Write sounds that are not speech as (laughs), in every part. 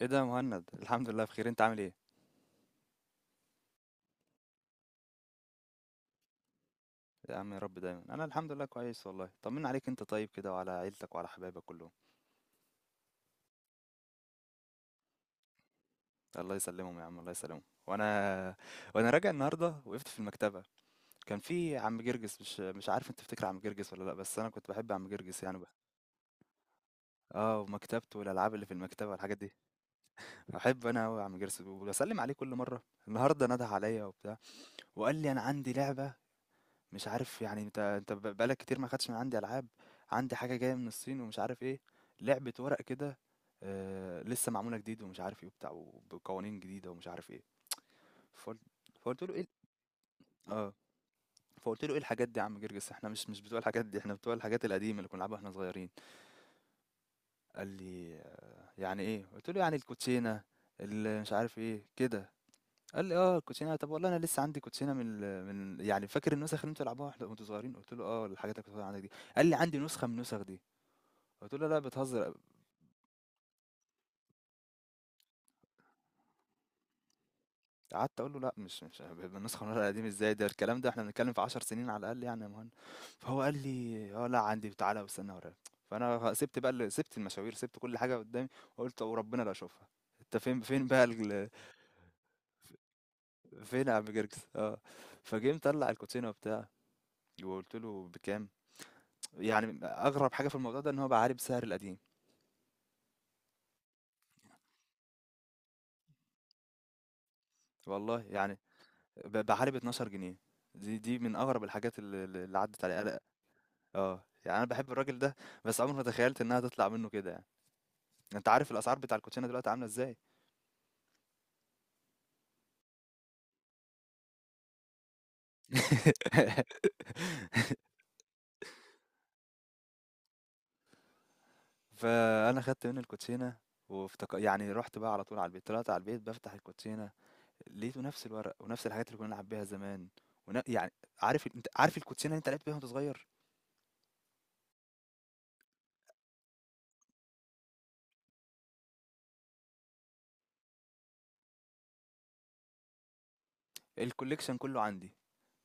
ايه ده يا مهند؟ الحمد لله بخير، انت عامل ايه؟ يا عم يا رب دايما، انا الحمد لله كويس، والله طمنا عليك، انت طيب كده وعلى عيلتك وعلى حبايبك كلهم؟ الله يسلمهم يا عم، الله يسلمهم. وانا راجع النهارده وقفت في المكتبه، كان في عم جرجس. مش عارف انت تفتكر عم جرجس ولا لا، بس انا كنت بحب عم جرجس يعني بقى. اه، ومكتبته والالعاب اللي في المكتبه والحاجات دي. بحب انا قوي عم جرجس وبسلم عليه كل مره. النهارده نده عليا وبتاع وقال لي انا عندي لعبه، مش عارف يعني. انت بقالك كتير ما خدتش من عندي العاب. عندي حاجه جايه من الصين ومش عارف ايه، لعبه ورق كده، آه لسه معموله جديد ومش عارف ايه وبتاع، وبقوانين جديده ومش عارف ايه. فقلت فقلت له ايه ال- اه فقلت له ايه الحاجات دي يا عم جرجس؟ احنا مش بتوع الحاجات دي، احنا بتوع الحاجات القديمه اللي كنا بنلعبها واحنا صغيرين. قال لي آه يعني ايه؟ قلت له يعني الكوتشينه اللي مش عارف ايه كده. قال لي اه الكوتشينه، طب والله انا لسه عندي كوتشينه من يعني، فاكر النسخ اللي انتوا بتلعبوها وانتوا صغيرين؟ قلت له اه الحاجات اللي كنت بتقول عندك دي. قال لي عندي نسخه من النسخ دي. قلت له لا بتهزر. قعدت اقول له لا، مش النسخه من الورق القديم، ازاي ده الكلام ده؟ احنا بنتكلم في 10 سنين على الاقل يعني يا مهند. فهو قال لي اه لا عندي، تعالى واستنى وراك. فانا سبت بقى سبت المشاوير، سبت كل حاجه قدامي، وقلت وربنا لا اشوفها. انت فين بقى فين يا عم جرجس؟ اه، فجه مطلع الكوتشينه وبتاع. وقلت له بكام؟ يعني أغرب حاجة في الموضوع ده إن هو باع عليه بسعر القديم، والله يعني. باع عليه ب12 جنيه. دي من أغرب الحاجات ال اللي عدّت عليّا أنا. آه، يعني أنا باحب الراجل ده، بس عمري ما تخيّلت إنها تطلع منّه كده يعني. أنت عارف الأسعار بتاع الكوتشينة دلوقتي عاملة إزاي. (laughs) فأنا خدت منّه الكوتشينة يعني، رُحت بقى على طول على البيت، طلعت على البيت بافتح الكوتشينة، لقيته نفس الورق ونفس الحاجات اللي كنا بنلعب بيها زمان، يعني، أنت عارف الكوتشينة اللي أنت لعبت بيها وأنت صغير؟ الcollection كلّه عندي،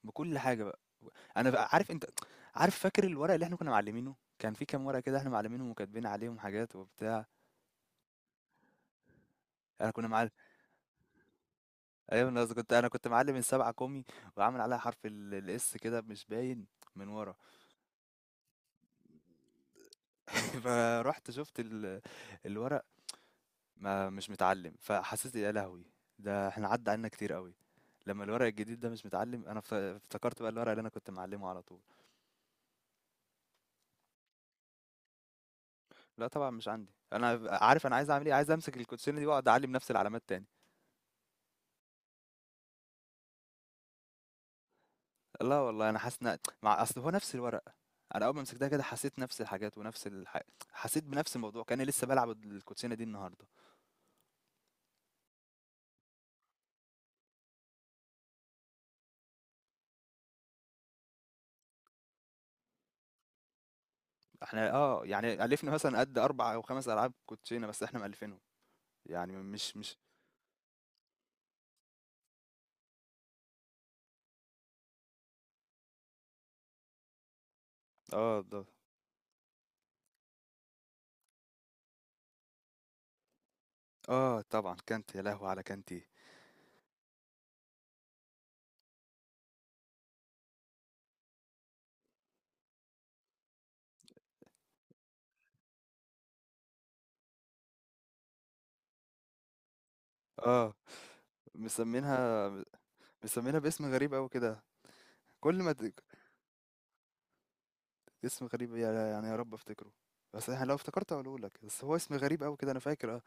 بكل حاجة بقى. انا بقى عارف انت عارف، فاكر الورق اللي احنا كنا معلمينه، كان في كام ورقة كده احنا معلمينهم وكاتبين عليهم حاجات وبتاع؟ انا كنا معلم ايوه، انا كنت معلم السبعة كومي وعامل عليها حرف الاس كده مش باين من ورا. (laughs) فرحت شفت الورق ما مش متعلم، فحسيت يا لهوي، ده احنا عدى عنا كتير قوي. لما الورق الجديد ده مش متعلم، انا افتكرت بقى الورق اللي انا كنت معلمه على طول. لا طبعا مش عندي، انا عارف انا عايز اعمل ايه، عايز امسك الكوتشينه دي واقعد اعلم نفس العلامات تاني. لا والله أنا حاسس إن مع أصل هو نفس الورقة. أنا أول ما مسكتها كده حسيت نفس الحاجات ونفس الح حسيت بنفس الموضوع، كأني لسه بالعب الكوتشينة دي النهارده. إحنا آه، يعني ألِفنا مثلًا قد 4 أو 5 ألعاب كوتشينة بس إحنا مألِفينهم، يعني مش مش آه ده آه طبعًا كانتي، يا لهوي على كانتي! آه، مسميينها مسميينها باسم غريب أوي كده، كل ما ت اسم غريب، يعني، يا رب أفتكره. بس أنا لو افتكرت هاقوله لك، بس هو اسم غريب أوي كده أنا فاكر.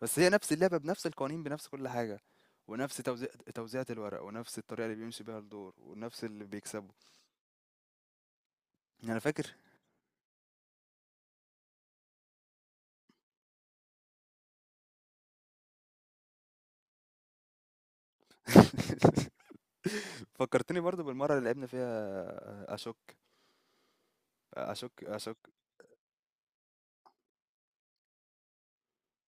بس هي نفس اللعبة بنفس القوانين بنفس كل حاجة، ونفس توزيعة الورق، ونفس الطريقة اللي بيمشي بيها الدور ونفس اللي بيكسبه. انا فاكر. (laughs) فكرتني برضو بالمرة اللي لعبنا فيها اشك، اشك، اشك.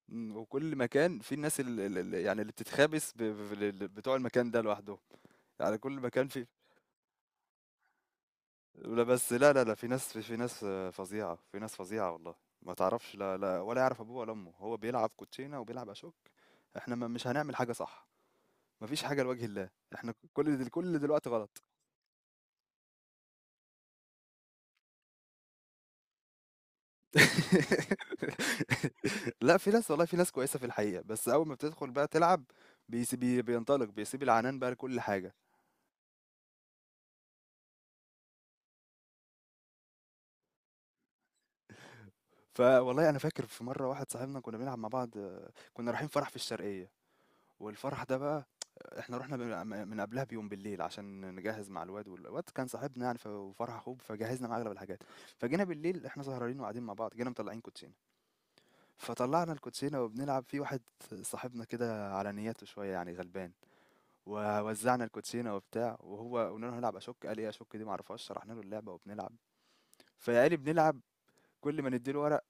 مم، وكل مكان في الناس اللي بتتخابس بتوع المكان ده لوحدهم، يعني كل مكان في. لا بس، لا لا لا، في ناس في ناس آه، فظيعة، في ناس فظيعة والله. ما تعرفش، لا لا، ولا يعرف ابوه ولا امه، هو بيلعب كوتشينة وبيلعب اشك. احنا ما مش هنعمل حاجة صح؟ ما فيش حاجة لوجه الله. إحنا كل دل كل دلوقتي غلط. (laughs) لأ، في ناس والله، في ناس كويسة في الحقيقة، بس أول ما بتدخل بقى تلعب بيس بي بينطلق، بيسيب العنان بقى لكل حاجة. فوالله أنا فاكر في مرة واحد صاحبنا كنا بنلعب مع بعض، آه، كنا رايحين فرح في الشرقية، والفرح ده بقى إحنا رُحنا من قبلها بيوم بالليل عشان نجهّز مع الواد، الواد كان صاحبنا يعني، وفرح أخوه، فجهّزنا معاه أغلب الحاجات. فجينا بالليل إحنا سهرانين وقاعدين مع بعض، جينا مطلّعين كوتشينة. فطلعنا الكوتشينة وبنلعب في واحد صاحبنا كده على نياته شوية، يعني غلبان. ووزعنا الكوتشينة وبتاع، وهو قلنا له هنلعب أشك، قال إيه أشك دي معرفهاش؟ شرحنا له اللعبة وبنلعب. فقال بنلعب، كل ما نديله ورق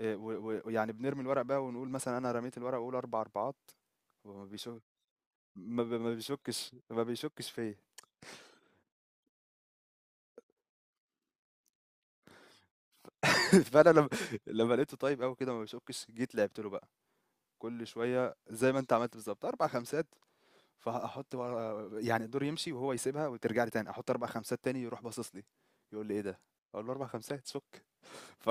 إيه، ويعني بنرمي الورق بقى، ونقول مثلا أنا رميت الورق وأقول أربع أربعات، وما بيشك، ما بيشكش فيا. (laughs) فانا لما لقيته طيب قوي كده ما بيشكش، جيت لعبت له بقى كل شويه زي ما انت عملت بالظبط اربع خمسات. فأحط بقى يعني الدور يمشي وهو يسيبها وترجع لي تاني، أحط 4 خمسات تاني، يروح باصص لي، يقول لي: "إيه ده؟" أقول له: "4 خمسات شُك." (laughs) ف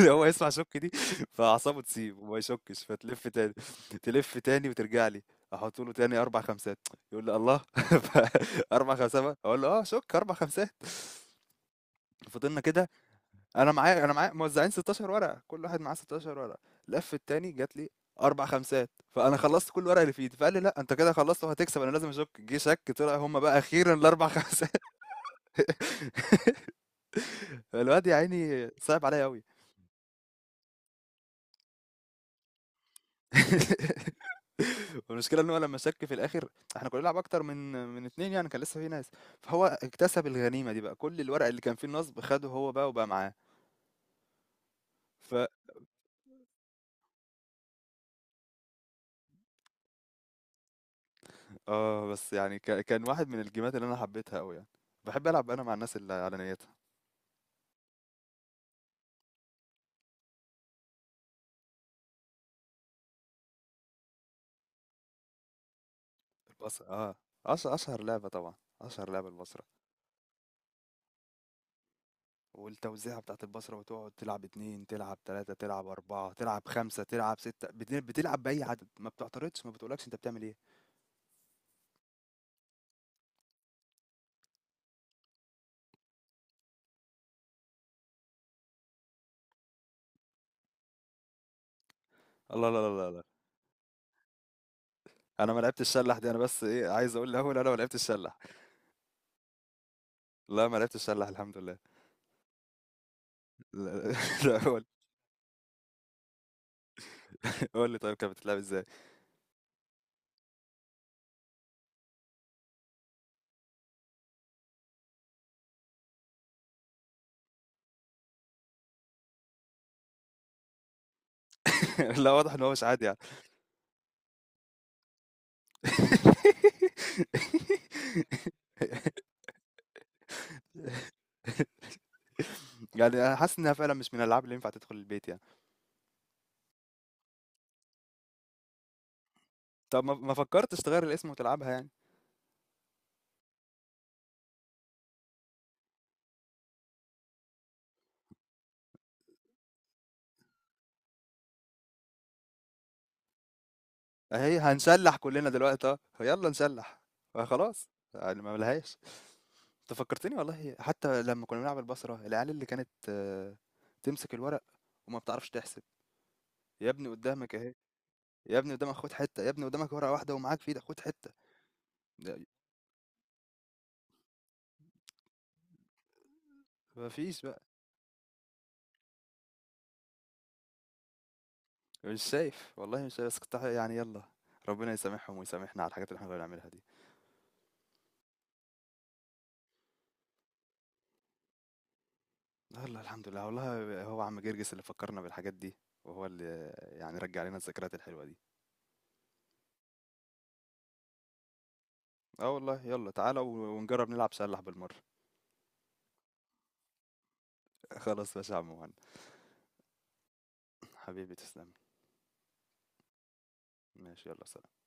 هو يسمع شُك دي، فأعصابه تسيب وما يشُكش، فتلِف تاني، تلِف تاني وترجع لي، أحط له تاني 4 خمسات، يقول لي: "الله! (laughs) ف 4 خمسات بقى؟" أقول له: "آه شُك 4 خمسات." فضلنا كده. أنا معايا موزعين 16 ورقة، كل واحد معاه 16 ورقة. لف التاني جات لي 4 خمسات، فأنا خلصت كل الورق اللي في إيدي، فقال لي لأ أنت كده خلصت وهتكسب، أنا لازم أشك. جه شك، طلع هُم بقى أخيرًا ال4 خمسات. (laughs) الواد يا عيني صعب عليَّ أوي. (laughs) والمشكلة إن هو لمّا شك في الآخر، إحنا كنا بنلعب أكتر من 2، يعني كان لسه في ناس، فهو اكتسب الغنيمة دي بقى، كل الورق اللي كان فيه النصب خده هو بقى وبقى معاه. ف آه، بس يعني كان واحد من الجيمات اللي أنا حبيتها أوي يعني، باحب ألعب أنا مع الناس اللي على نيّتها. البصرة اه، أشهر لعبة طبعا، أشهر لعبة البصرة، والتوزيعة بتاعت البصرة، وتقعد تلعب اتنين، تلعب تلاتة، تلعب أربعة، تلعب خمسة، تلعب ستة، بتلعب بأي عدد، ما بتعترضش ما بتقولكش أنت بتعمل إيه. الله، لا لا لا لا، أنا ما لعبتش الشلح دي. أنا بس إيه، عايز أقول الأول أنا ما لعبتش الشلح. لا، ما لعبتش الشلح الحمد لله. لا لا، (laughs) لا، قول، قول لي طيب كانت بتتلعب إزاي. (laughs) لا واضح إن هو مش عادي يعني. (laughs) يعني أنا حاسس إنها فعلا مش من الألعاب اللي ينفع تدخل البيت يعني. طب ما فكرتش تغير الاسم وتلعبها يعني. أهي هنسلّح كلّنا دلوقتي أهو، يالّا نسلّح، فخلاص يعني ما لهاش. أنت فكّرتني والله حتى لمّا كنّا بنلعب البصرة، العيال اللي كانت آه، تمسك الورق وما بتعرفش تحسب، يا ابني قدّامك أهي، يا ابني قدّامك خُد حتّة، يا ابني قدّامك ورقة واحدة ومعاك في إيدك خُد حتّة، د ما فيش بقى، مش شايف، والله مش شايف، بس كنت يعني يالّا، ربنا يسامحهم ويسامحنا على الحاجات اللي إحنا كنّا بنعملها دي. يالّا الحمد لله، والله هو عم جرجس اللي فكّرنا بالحاجات دي، وهو اللي يعني رجّع لنا الذكريات الحلوة دي. اه والله يلا تعالى ونجرب نلعب سلاح بالمرة. (laughs) خلاص ماشي يا عم مهند، حبيبي تسلم، ماشي يلا سلام.